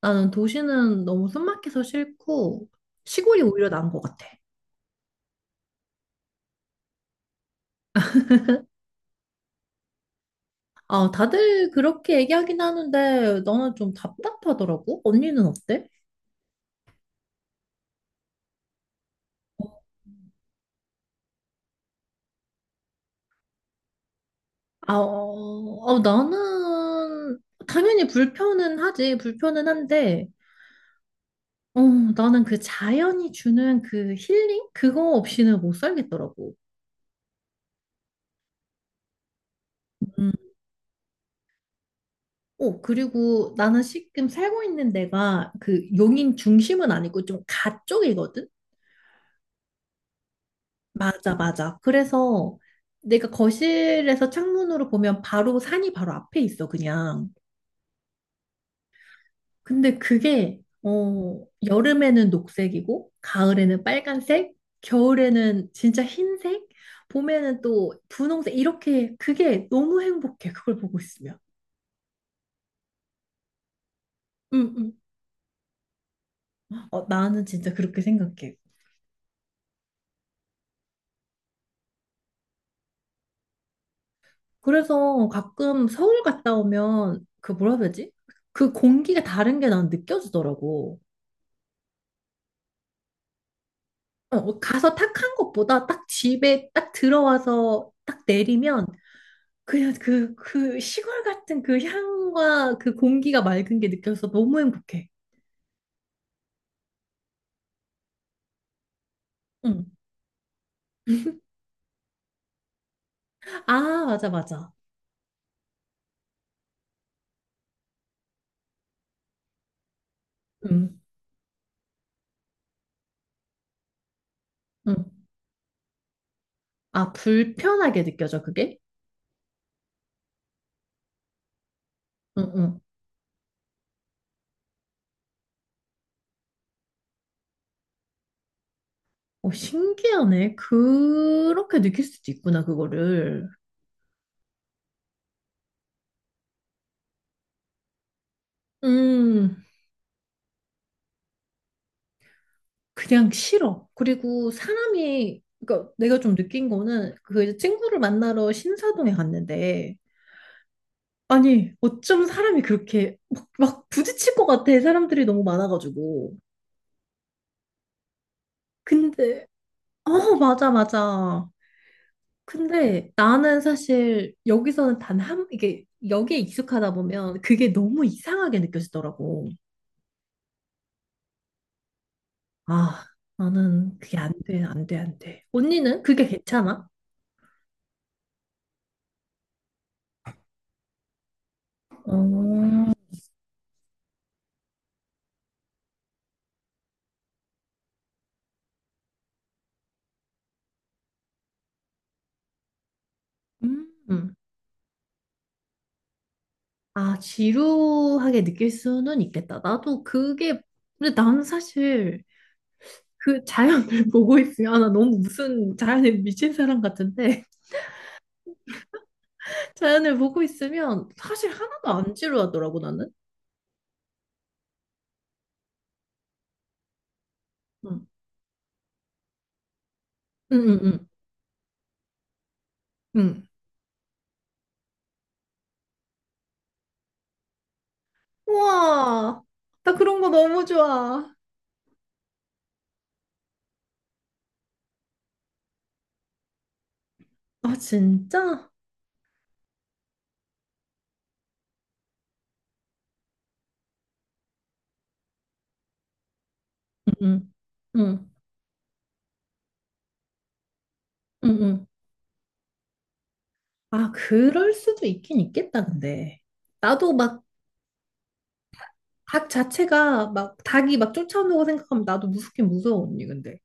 나는 도시는 너무 숨막혀서 싫고 시골이 오히려 나은 것 같아. 아, 다들 그렇게 얘기하긴 하는데 나는 좀 답답하더라고. 언니는 어때? 아, 어, 나는 당연히 불편은 하지. 불편은 한데 어, 나는 그 자연이 주는 그 힐링? 그거 없이는 못 살겠더라고. 음. 그리고 나는 지금 살고 있는 데가 그 용인 중심은 아니고 좀 가쪽이거든? 맞아, 맞아. 그래서 내가 거실에서 창문으로 보면 바로 산이 바로 앞에 있어, 그냥. 근데 그게, 여름에는 녹색이고, 가을에는 빨간색, 겨울에는 진짜 흰색, 봄에는 또 분홍색, 이렇게 그게 너무 행복해, 그걸 보고 있으면. 응, 응. 나는 진짜 그렇게 생각해. 그래서 가끔 서울 갔다 오면 그 뭐라 해야 되지? 그 공기가 다른 게 난 느껴지더라고. 뭐 가서 탁 한 것보다 딱 집에 딱 들어와서 딱 내리면 그냥 그 시골 같은 그 향과 그 공기가 맑은 게 느껴져서 너무 행복해. 응. 아, 맞아, 맞아. 응, 응. 아, 불편하게 느껴져, 그게? 응, 응. 신기하네. 그렇게 느낄 수도 있구나, 그거를. 음, 그냥 싫어. 그리고 사람이, 그러니까 내가 좀 느낀 거는 그 이제 친구를 만나러 신사동에 갔는데 아니, 어쩜 사람이 그렇게 막 부딪힐 것 같아. 사람들이 너무 많아가지고. 근데, 맞아, 맞아. 근데 나는 사실 여기서는 단 한, 이게, 여기에 익숙하다 보면 그게 너무 이상하게 느껴지더라고. 아, 나는 그게 안 돼, 안 돼, 안 돼. 언니는 그게 괜찮아? 어, 음. 아, 지루하게 느낄 수는 있겠다. 나도 그게, 근데 나는 사실 그 자연을 보고 있으면, 아, 나 너무 무슨 자연에 미친 사람 같은데, 자연을 보고 있으면 사실 하나도 안 지루하더라고, 나는. 응, 응, 응, 응. 응. 우와, 나 그런 거 너무 좋아. 아, 진짜? 응, 응, 응, 응. 응. 아, 그럴 수도 있긴 있겠다, 근데. 나도 막, 닭 자체가, 막, 닭이 막 쫓아오다고 생각하면 나도 무섭긴 무서워, 언니, 근데.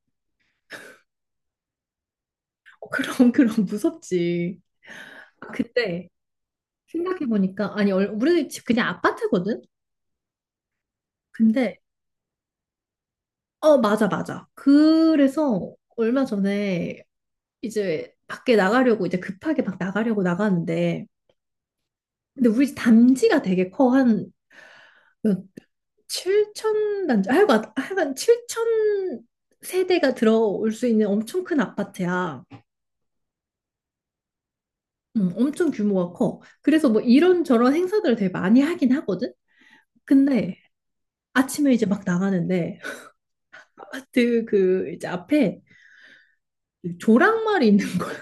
어, 그럼, 그럼, 무섭지. 아, 근데. 생각해보니까, 아니, 우리 집 그냥 아파트거든? 근데, 맞아, 맞아. 그래서 얼마 전에 이제 밖에 나가려고, 이제 급하게 막 나가려고 나갔는데, 근데 우리 집 단지가 되게 커. 한, 몇 7천 단지, 아, 하여간, 하여간 7천 세대가 들어올 수 있는 엄청 큰 아파트야. 엄청 규모가 커. 그래서 뭐 이런저런 행사들을 되게 많이 하긴 하거든? 근데 아침에 이제 막 나가는데 아파트 그 이제 앞에 조랑말이 있는 거야.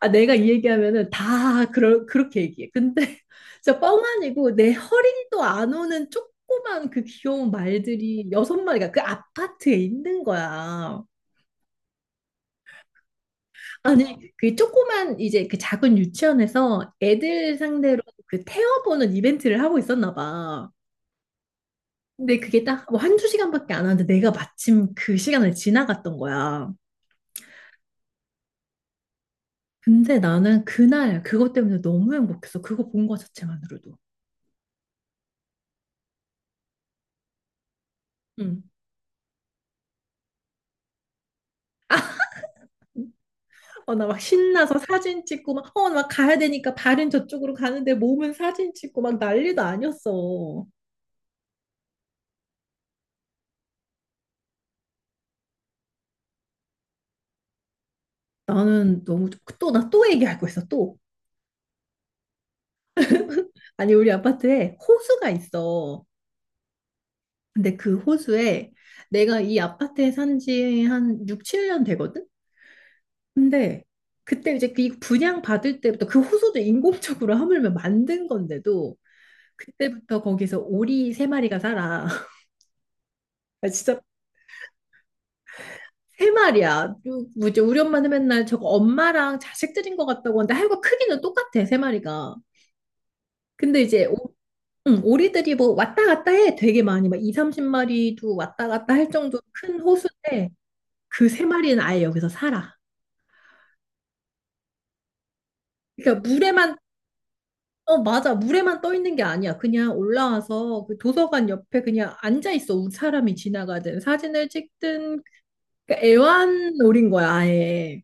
아, 내가 이 얘기하면은 다 그렇게 얘기해. 근데 진짜 뻥 아니고 내 허리도 안 오는 조그만 그 귀여운 말들이 여섯 마리가 그 아파트에 있는 거야. 아니, 그 조그만 이제 그 작은 유치원에서 애들 상대로 그 태워보는 이벤트를 하고 있었나 봐. 근데 그게 딱 뭐 한두 시간밖에 안 하는데 내가 마침 그 시간을 지나갔던 거야. 근데 나는 그날 그것 때문에 너무 행복했어. 그거 본 거 자체만으로도. 응. 어, 나 막 신나서 사진 찍고 막, 막 가야 되니까 발은 저쪽으로 가는데 몸은 사진 찍고 막 난리도 아니었어. 나는 너무 또 나 또 얘기하고 있어 또. 아니 우리 아파트에 호수가 있어. 근데 그 호수에 내가 이 아파트에 산지 한 6, 7년 되거든? 근데 그때 이제 그 분양 받을 때부터 그 호수도 인공적으로 하물며 만든 건데도 그때부터 거기서 오리 3마리가 살아. 아, 진짜 3마리야. 뭐지? 우리 엄마는 맨날 저거 엄마랑 자식들인 것 같다고 하는데 하여간 크기는 똑같아, 3마리가. 근데 이제 응, 오리들이 뭐 왔다 갔다 해. 되게 많이 막이 30마리도 왔다 갔다 할 정도로 큰 호수인데 그 3마리는 아예 여기서 살아. 그러니까 물에만 어 맞아. 물에만 떠 있는 게 아니야. 그냥 올라와서 그 도서관 옆에 그냥 앉아 있어. 사람이 지나가든 사진을 찍든 그러니까 애완 놀인 거야, 아예.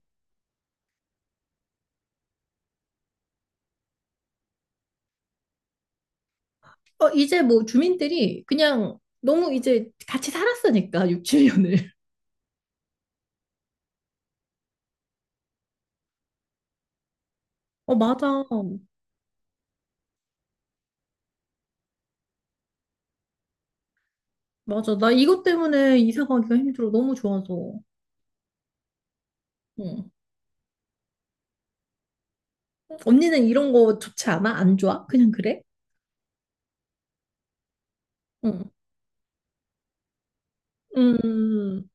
어, 이제 뭐 주민들이 그냥 너무 이제 같이 살았으니까 6, 7년을. 어, 맞아. 맞아. 나 이것 때문에 이사 가기가 힘들어. 너무 좋아서. 응. 언니는 이런 거 좋지 않아? 안 좋아? 그냥 그래? 응. 음.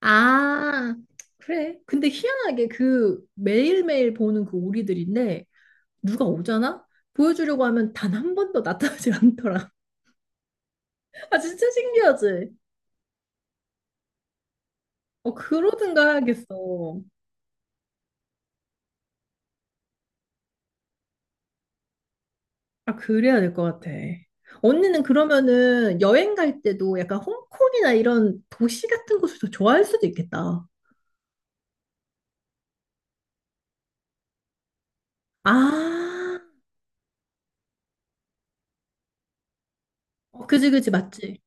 아, 그래. 근데 희한하게 그 매일매일 보는 그 오리들인데 누가 오잖아? 보여주려고 하면 단 한 번도 나타나질 않더라. 아, 진짜 신기하지? 어, 그러든가 해야겠어. 아, 그래야 될 것 같아. 언니는 그러면은 여행 갈 때도 약간 홍콩이나 이런 도시 같은 곳을 더 좋아할 수도 있겠다. 아, 어, 그지, 그지, 맞지.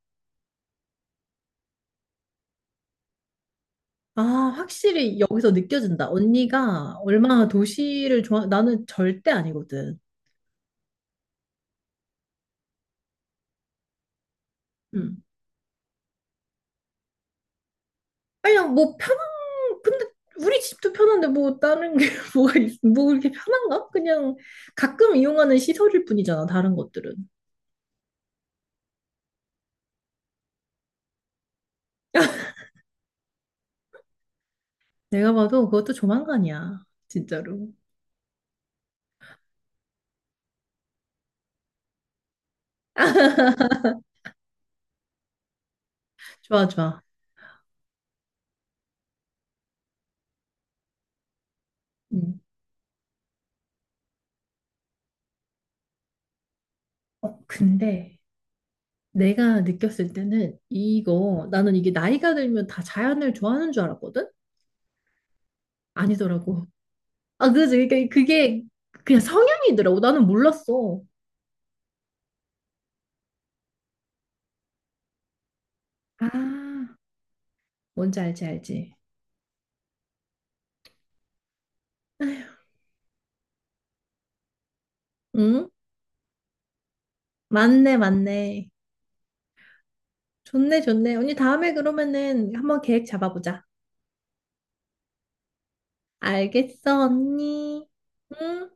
아, 확실히 여기서 느껴진다. 언니가 얼마나 도시를 좋아, 나는 절대 아니거든. 음. 아니야, 뭐 편한, 근데 우리 집도 편한데 뭐 다른 게 뭐가, 뭐 이렇게 편한가? 그냥 가끔 이용하는 시설일 뿐이잖아, 다른 것들은. 내가 봐도 그것도 조만간이야. 진짜로. 좋아, 좋아. 음. 근데 내가 느꼈을 때는 이거 나는 이게 나이가 들면 다 자연을 좋아하는 줄 알았거든? 아니더라고. 아, 그지? 그러니까 그게 그냥 성향이더라고. 나는 몰랐어. 아, 뭔지 알지, 알지? 응? 맞네, 맞네. 좋네, 좋네. 언니, 다음에 그러면은 한번 계획 잡아보자. 알겠어, 언니. 응?